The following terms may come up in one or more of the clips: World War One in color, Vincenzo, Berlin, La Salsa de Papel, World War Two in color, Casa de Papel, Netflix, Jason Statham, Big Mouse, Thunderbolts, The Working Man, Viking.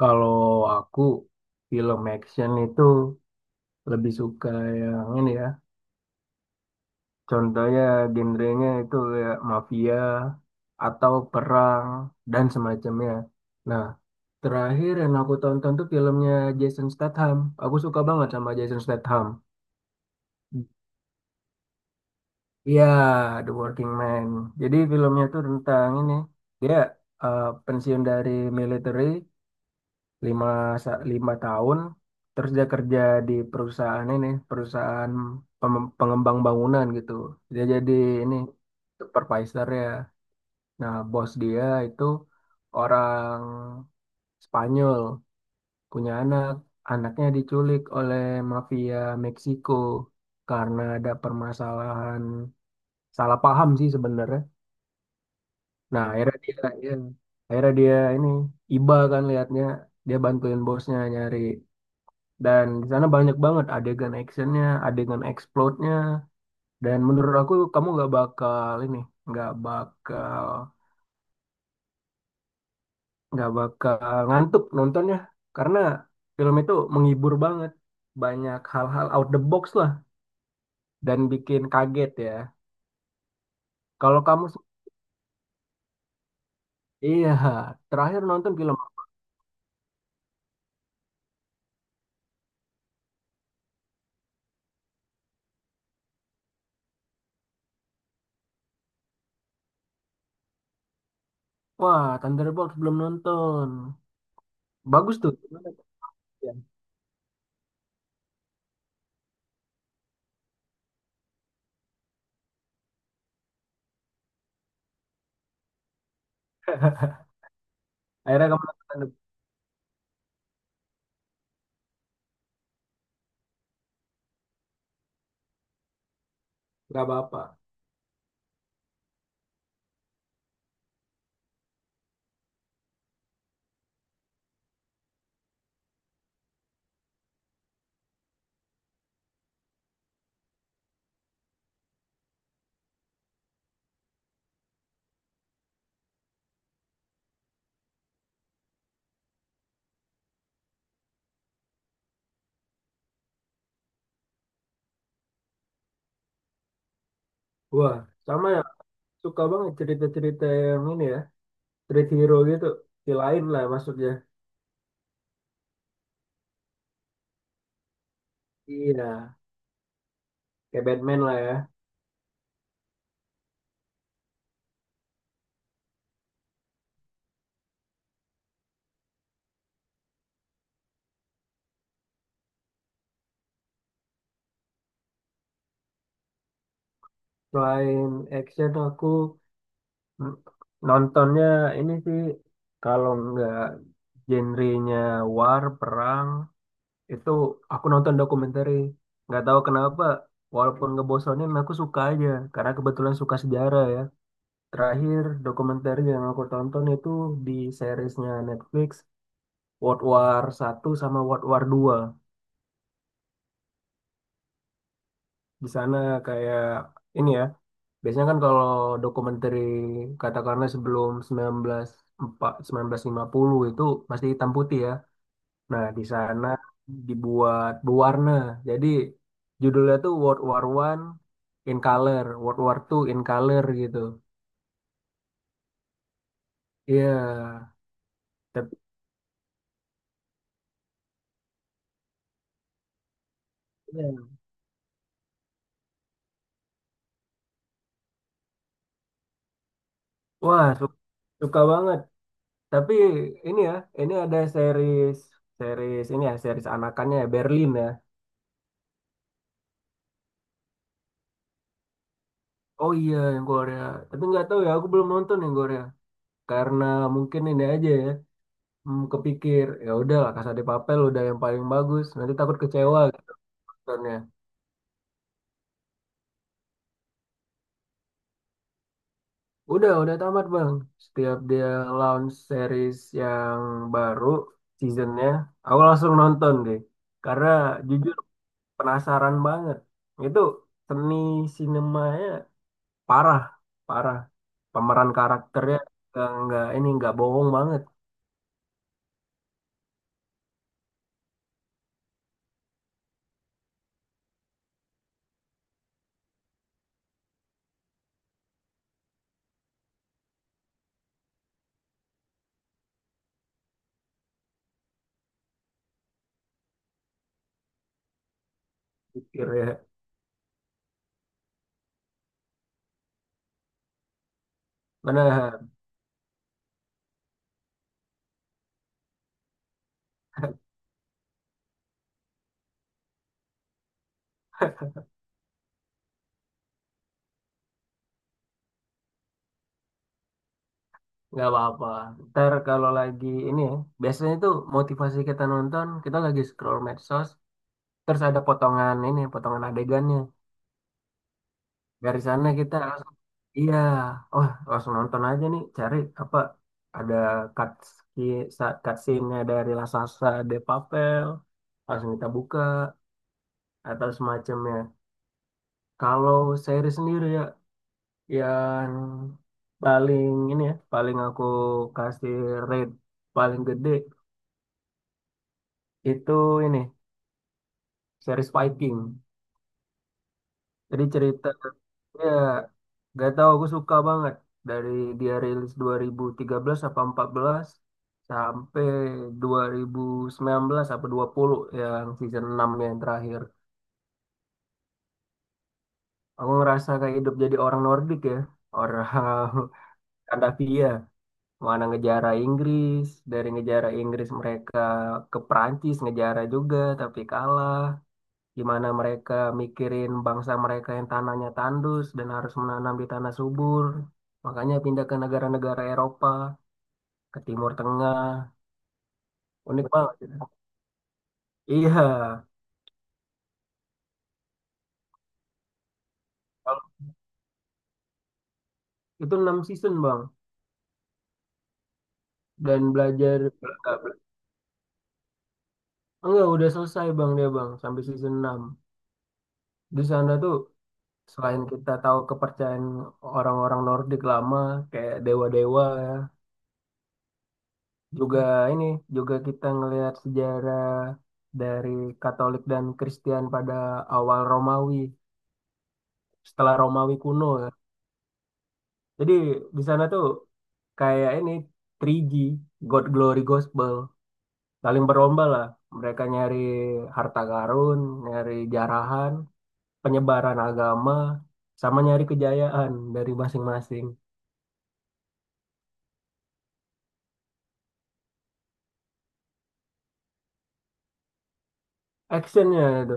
Kalau aku film action itu lebih suka yang ini ya. Contohnya genrenya itu kayak mafia atau perang dan semacamnya. Nah, terakhir yang aku tonton tuh filmnya Jason Statham. Aku suka banget sama Jason Statham. Iya, The Working Man. Jadi filmnya tuh tentang ini. Dia pensiun dari military lima 5 tahun, terus dia kerja di perusahaan ini, perusahaan pengembang bangunan gitu, dia jadi ini supervisor ya. Nah, bos dia itu orang Spanyol, punya anak, anaknya diculik oleh mafia Meksiko karena ada permasalahan, salah paham sih sebenarnya. Nah, akhirnya dia, ya, akhirnya dia ini iba kan liatnya, dia bantuin bosnya nyari. Dan di sana banyak banget adegan actionnya, adegan explode-nya. Dan menurut aku kamu nggak bakal ini, nggak bakal nggak bakal ngantuk nontonnya, karena film itu menghibur banget, banyak hal-hal out the box lah, dan bikin kaget ya. Kalau kamu, iya, terakhir nonton film. Wah, Thunderbolts belum nonton, bagus tuh. Gimana tuh? Ya. Akhirnya kamu nonton. Nggak apa-apa. Wah, sama ya, suka banget cerita-cerita yang ini ya. Street hero gitu, di lain lah maksudnya. Iya, kayak Batman lah ya. Selain action aku n- nontonnya ini sih, kalau nggak genrenya war, perang itu, aku nonton dokumenter. Nggak tahu kenapa, walaupun ngebosonin aku suka aja karena kebetulan suka sejarah ya. Terakhir dokumenter yang aku tonton itu di seriesnya Netflix, World War 1 sama World War 2. Di sana kayak ini ya, biasanya kan kalau dokumenter katakanlah sebelum 1940, 1950 itu masih hitam putih ya. Nah, di sana dibuat berwarna. Jadi judulnya tuh World War One in color, World War Two in color gitu. Iya, tapi iya. Wah, suka banget. Tapi ini ya, ini ada series, series ini ya, series anakannya ya, Berlin ya. Oh iya, yang Korea. Tapi nggak tahu ya, aku belum nonton yang Korea, karena mungkin ini aja ya, hmm, kepikir ya udah lah, Casa de Papel udah yang paling bagus, nanti takut kecewa gitu nontonnya. Udah tamat bang. Setiap dia launch series yang baru, seasonnya aku langsung nonton deh, karena jujur penasaran banget. Itu seni sinemanya parah, parah pemeran karakternya. Nggak- ini Nggak bohong banget, pikirnya mana. Nggak apa-apa. Ntar kalau lagi ini ya, biasanya tuh motivasi kita nonton, kita lagi scroll medsos, terus ada potongan ini, potongan adegannya. Dari sana kita langsung, iya, oh langsung nonton aja nih, cari apa, ada cut, cut scene-nya dari La Salsa de Papel, langsung kita buka, atau semacamnya. Kalau seri sendiri ya, yang paling ini ya, paling aku kasih rate paling gede, itu ini, series Viking. Jadi cerita ya, gak tahu, aku suka banget. Dari dia rilis 2013 apa 14 sampai 2019 apa dua puluh, yang season 6 yang terakhir. Aku ngerasa kayak hidup jadi orang Nordik ya, orang Skandinavia. Mana ngejara Inggris, dari ngejara Inggris mereka ke Prancis ngejara juga tapi kalah. Gimana mereka mikirin bangsa mereka yang tanahnya tandus dan harus menanam di tanah subur. Makanya pindah ke negara-negara Eropa, ke Timur Tengah. Unik banget ya. Iya. Kalau- Itu 6 season, Bang. Dan belajar, enggak, udah selesai, Bang, dia, Bang, sampai season 6. Di sana tuh selain kita tahu kepercayaan orang-orang Nordik lama kayak dewa-dewa ya, juga ini, juga kita ngelihat sejarah dari Katolik dan Kristen pada awal Romawi, setelah Romawi kuno ya. Jadi di sana tuh kayak ini, 3G, God Glory Gospel, saling berlomba lah mereka nyari harta karun, nyari jarahan, penyebaran agama, sama nyari kejayaan dari masing-masing. Actionnya itu,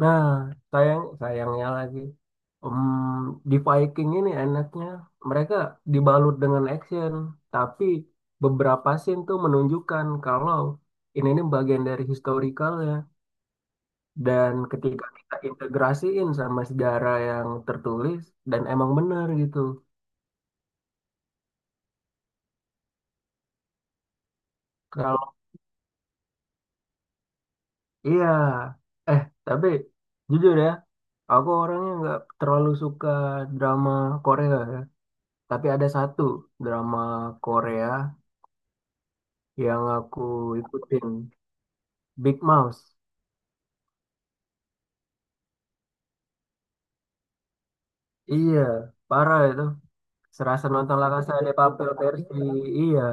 nah, sayang sayangnya lagi, em, di Viking ini enaknya mereka dibalut dengan action, tapi beberapa scene tuh menunjukkan kalau ini bagian dari historikalnya, dan ketika kita integrasiin sama sejarah yang tertulis, dan emang benar gitu. Kalau iya, eh tapi jujur ya, aku orangnya nggak terlalu suka drama Korea ya. Tapi ada satu drama Korea yang aku ikutin, Big Mouse. Iya, parah itu, serasa nonton La Casa de Papel versi. Iya,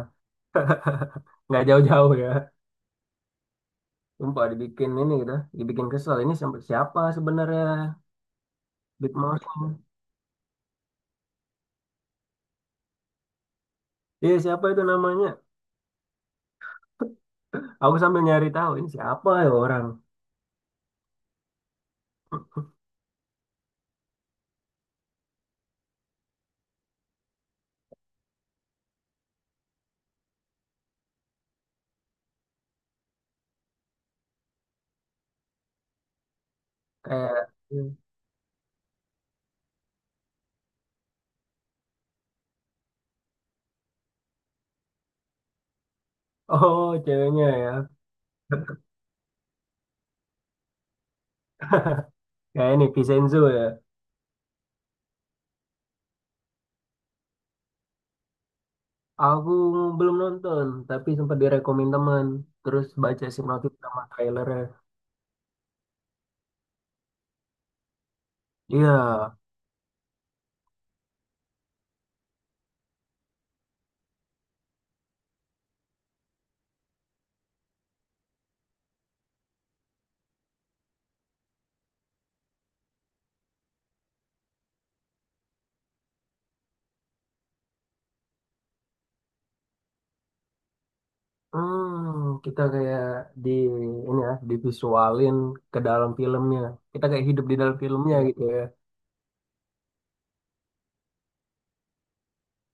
nggak jauh-jauh ya, sumpah dibikin ini gitu, dibikin kesel ini sampai siapa sebenarnya Big Mouse ini? Iya, siapa itu namanya, aku sambil nyari tahu ini siapa ya orang. Kayak, oh ceweknya ya, kayak ini Vincenzo ya. Aku belum nonton tapi sempat direkomend teman, terus baca sinopsis sama trailernya. Iya. Hmm, kita kayak di ini ya, divisualin ke dalam filmnya. Kita kayak hidup di dalam filmnya. Iya. Gitu ya.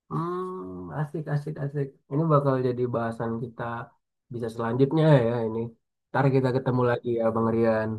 Hmm, asik, asik, asik. Ini bakal jadi bahasan kita bisa selanjutnya ya ini. Ntar kita ketemu lagi ya, Bang Rian.